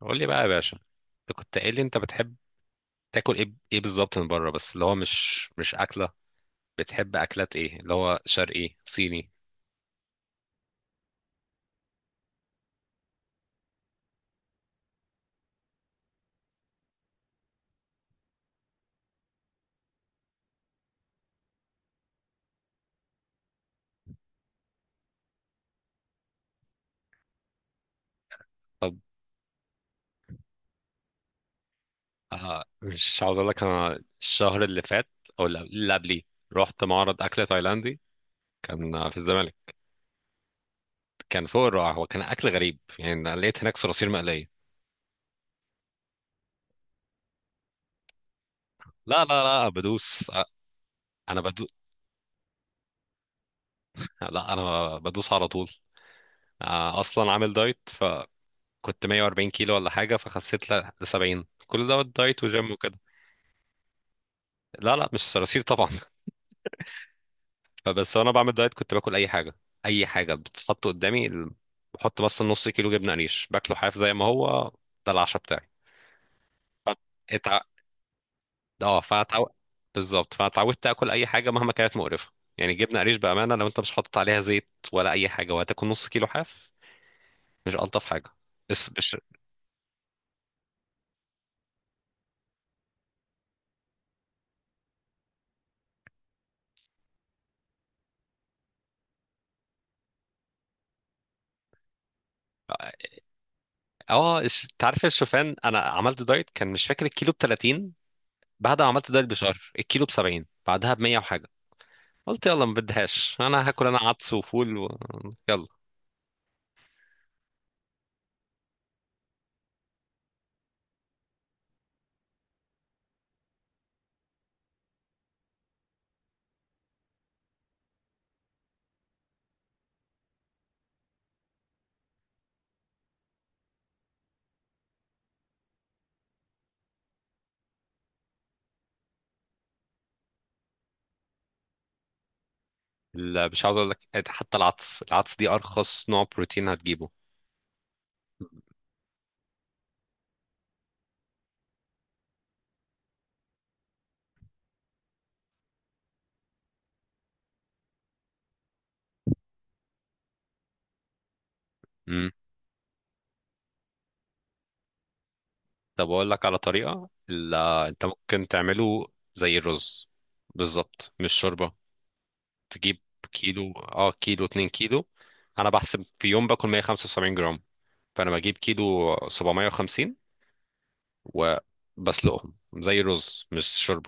قول لي بقى يا باشا، انت كنت قايل لي انت بتحب تاكل ايه بالظبط من بره، بس اللي هو مش اكله؟ بتحب اكلات ايه اللي هو شرقي، صيني؟ طب، مش عاوز اقول لك، انا الشهر اللي فات او اللي قبليه رحت معرض اكل تايلاندي. كان في الزمالك. كان فوق الرائع. هو كان اكل غريب يعني، أنا لقيت هناك صراصير مقليه. لا، لا، لا، بدوس. انا بدوس. لا، انا بدوس على طول. اصلا عامل دايت، فكنت 140 كيلو ولا حاجه، فخسيت ل 70. كل ده دايت وجيم وكده. لا، لا، مش صراصير طبعا. بس وانا بعمل دايت كنت باكل اي حاجه، اي حاجه بتتحط قدامي. بحط بس نص كيلو جبنه قريش باكله حاف زي ما هو. ده العشاء بتاعي. اتع... اه فاتعو... بالظبط، فاتعودت اكل اي حاجه مهما كانت مقرفه. يعني جبنه قريش بامانه، لو انت مش حاطط عليها زيت ولا اي حاجه وهتاكل نص كيلو حاف، مش الطف حاجه؟ بس مش اه الش- انت عارف الشوفان، انا عملت دايت كان مش فاكر الكيلو ب 30، بعد ما عملت دايت بشهر الكيلو ب 70، بعدها ب 100 وحاجه. قلت يلا، ما بدهاش انا هاكل انا عدس وفول يلا. مش عاوز اقول لك، حتى العدس دي ارخص نوع بروتين هتجيبه. امم طب اقول لك على طريقه انت ممكن تعمله زي الرز، بالظبط مش شوربه. تجيب كيلو، كيلو، 2 كيلو. انا بحسب في يوم باكل 175 جرام، فانا بجيب كيلو 750 وبسلقهم زي الرز مش شرب،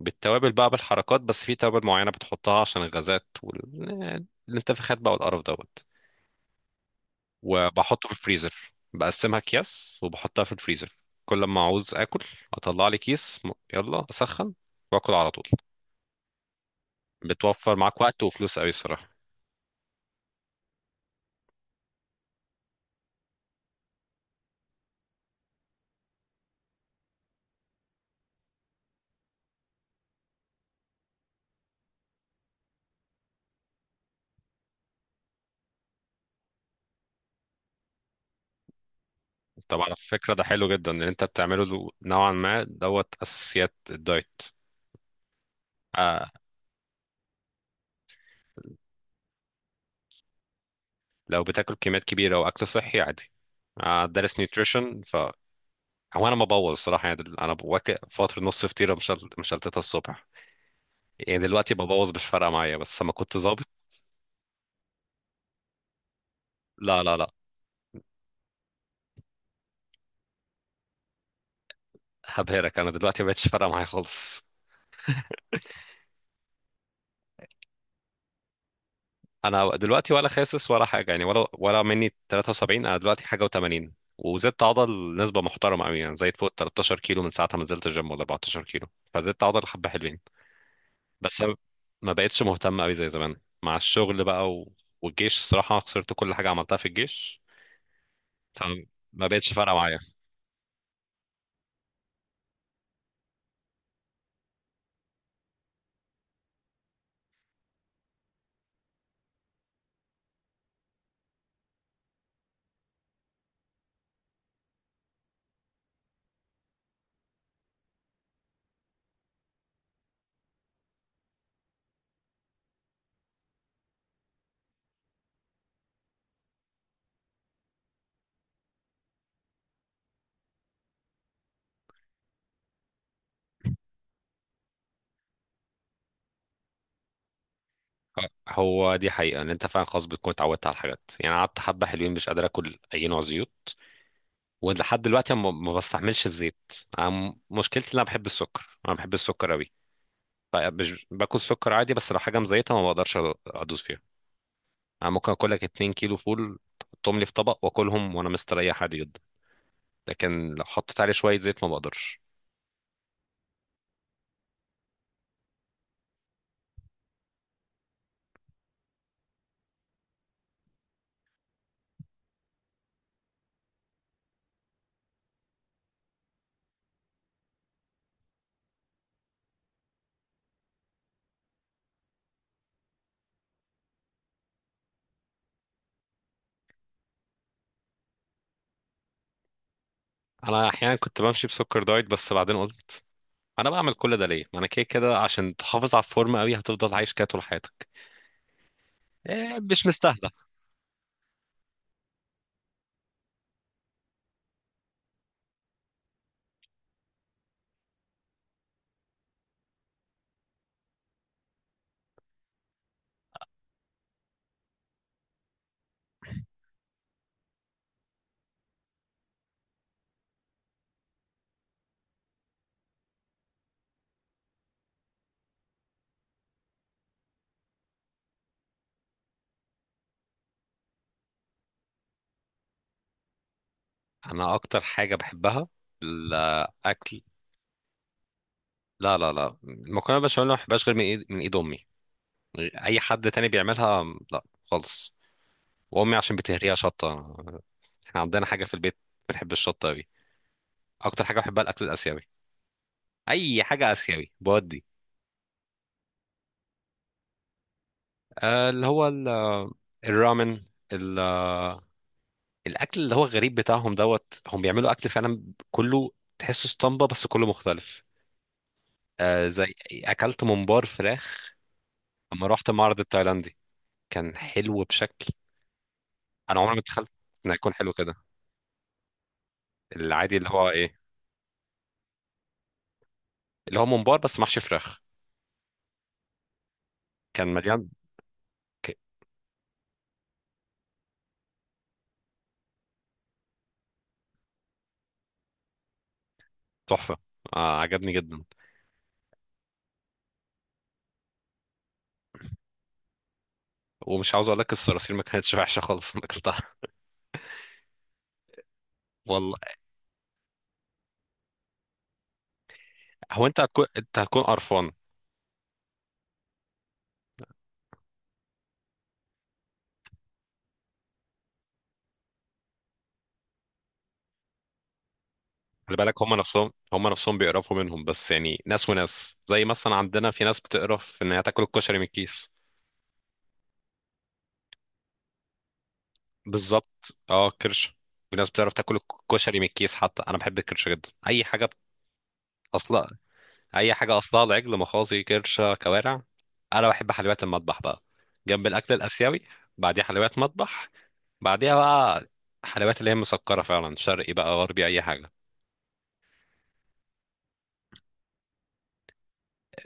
بالتوابل بقى بالحركات، بس في توابل معينة بتحطها عشان الغازات والانتفاخات بقى والقرف دوت. وبحطه في الفريزر، بقسمها اكياس وبحطها في الفريزر. كل ما عاوز اكل اطلع لي كيس، يلا اسخن واكل على طول. بتوفر معاك وقت وفلوس قوي الصراحة. طب على فكرة ده حلو جدا ان انت بتعمله له نوعا ما دوت اساسيات الدايت. آه لو بتاكل كميات كبيرة واكل صحي، عادي. دارس نيوتريشن. هو انا ما ببوظ الصراحه يعني. انا بواكب فتره، نص فطيره مشلتتها الصبح. يعني دلوقتي ببوظ مش فارقه معايا، بس لما كنت ظابط. لا، لا، لا، هبهرك. انا دلوقتي ما بقتش فارقه معايا خالص. انا دلوقتي ولا خاسس ولا حاجه يعني، ولا مني 73، انا دلوقتي حاجه و80. وزدت عضل نسبه محترمه قوي يعني، زايد فوق 13 كيلو من ساعه ما نزلت الجيم، ولا 14 كيلو. فزدت عضل حبه حلوين. بس أنا ما بقتش مهتم قوي زي زمان، مع الشغل بقى والجيش. الصراحه خسرت كل حاجه عملتها في الجيش، فما بقتش فارقه معايا. هو دي حقيقة ان انت فعلا خلاص بتكون اتعودت على الحاجات يعني. أنا قعدت حبة حلوين مش قادر اكل اي نوع زيوت، ولحد دلوقتي ما بستحملش الزيت. أنا مشكلتي ان انا بحب السكر. انا بحب السكر قوي. مش باكل سكر عادي، بس لو حاجة مزيتة ما بقدرش ادوس فيها. انا ممكن اكل لك 2 كيلو فول تحطهم لي في طبق واكلهم وانا مستريح عادي جدا. لكن لو حطيت عليه شوية زيت ما بقدرش. انا احيانا كنت بمشي بسكر دايت، بس بعدين قلت انا بعمل كل ده ليه؟ ما انا كده كده، عشان تحافظ على الفورمه قوي هتفضل عايش كده طول حياتك. مش مستاهله. انا اكتر حاجه بحبها الاكل. لا، لا، لا، المكرونه بالبشاميل ما بحبهاش غير من ايد امي. اي حد تاني بيعملها، لا خالص. وامي عشان بتهريها شطه. احنا عندنا حاجه في البيت، بنحب الشطه قوي. اكتر حاجه بحبها الاكل الاسيوي، اي حاجه اسيوي بودي. اللي هو الرامن، ال- الاكل اللي هو الغريب بتاعهم دوت. هم بيعملوا اكل فعلا كله تحسه اسطمبة، بس كله مختلف. زي اكلت ممبار فراخ. اما رحت معرض التايلاندي كان حلو بشكل، انا عمري ما اتخيلت انه يكون حلو كده. العادي اللي هو ايه؟ اللي هو ممبار بس محشي فراخ، كان مليان. ك- تحفه. عجبني جدا. ومش عاوز اقول لك، الصراصير ما كانتش وحشه خالص ما اكلتها والله. هو انت هتكون قرفان. خلي بالك هم نفسهم بيقرفوا منهم، بس يعني ناس وناس. زي مثلا عندنا في ناس بتقرف ان هي تاكل الكشري من الكيس. بالظبط، اه، كرش. في ناس بتعرف تاكل الكشري من الكيس. حتى انا بحب الكرش جدا. اي حاجه اصلا اي حاجه اصلها العجل، مخاصي كرشه كوارع. انا بحب حلويات المطبخ بقى، جنب الاكل الاسيوي. بعديها حلويات مطبخ. بعديها بقى حلويات اللي هي مسكره فعلا، شرقي بقى غربي اي حاجه.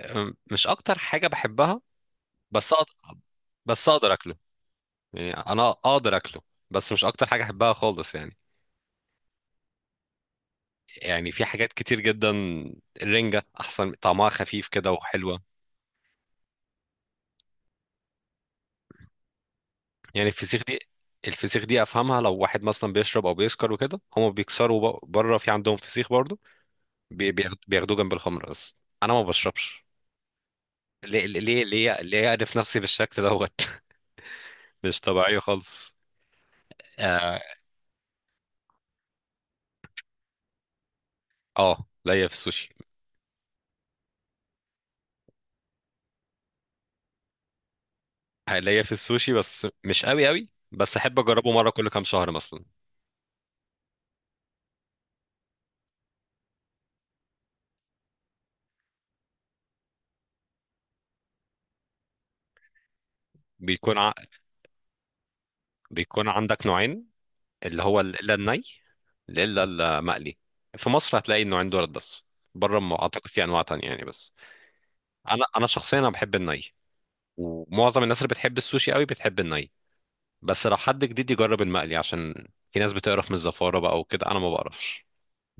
مش اكتر حاجه بحبها، بس أقدر. بس اقدر اكله يعني انا اقدر اكله، بس مش اكتر حاجه احبها خالص يعني. يعني في حاجات كتير جدا. الرنجه احسن، طعمها خفيف كده وحلوه. يعني الفسيخ دي افهمها، لو واحد مثلا بيشرب او بيسكر وكده هما بيكسروا بره، في عندهم فسيخ برضه بياخدوه جنب الخمر. اصلا انا ما بشربش. ليه، ليه، ليه، ليه اعرف نفسي بالشكل دوت؟ مش طبيعيه خالص. اه، آه، ليا في السوشي ليا في السوشي بس مش قوي قوي، بس احب اجربه مره كل كام شهر مثلا. بيكون ع... بيكون عندك نوعين، اللي هو الني، الا المقلي. في مصر هتلاقي النوعين دولت بس، بره ما اعتقد في انواع تانية يعني. بس انا، انا شخصيا انا بحب الني. ومعظم الناس اللي بتحب السوشي قوي بتحب الني. بس لو حد جديد يجرب المقلي، عشان في ناس بتقرف من الزفارة بقى وكده. أنا ما بقرفش.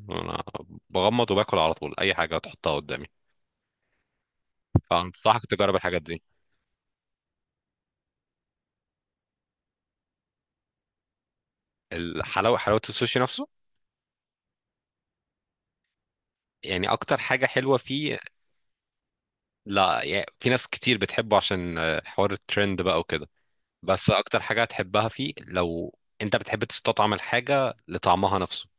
أنا بغمض وباكل على طول أي حاجة تحطها قدامي. فأنصحك تجرب الحاجات دي. حلاوة السوشي نفسه، يعني أكتر حاجة حلوة فيه. لا يعني، في ناس كتير بتحبه عشان حوار الترند بقى وكده. بس أكتر حاجة هتحبها فيه لو أنت بتحب تستطعم الحاجة لطعمها نفسه،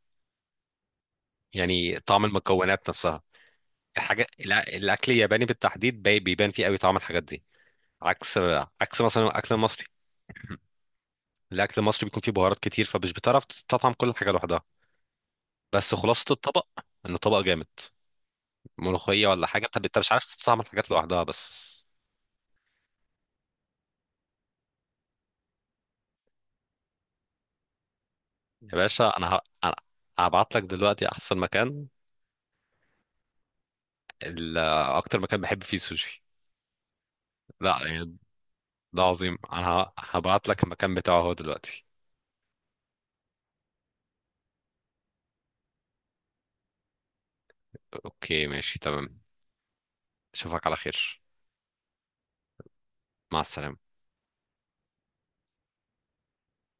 يعني طعم المكونات نفسها. الحاجة الأكل الياباني بالتحديد بيبان فيه قوي طعم الحاجات دي. عكس، مثلا الاكل المصري. الاكل المصري بيكون فيه بهارات كتير، فمش بتعرف تستطعم كل حاجه لوحدها، بس خلاصه الطبق انه طبق جامد. ملوخيه ولا حاجه، انت مش عارف تستطعم الحاجات لوحدها بس. يا باشا، انا هبعت لك دلوقتي احسن مكان، ال... اكتر مكان بحب فيه سوشي. لا يعني، ده عظيم. هبعت لك المكان بتاعه هو دلوقتي. اوكي، ماشي، تمام. اشوفك على خير. مع السلامه.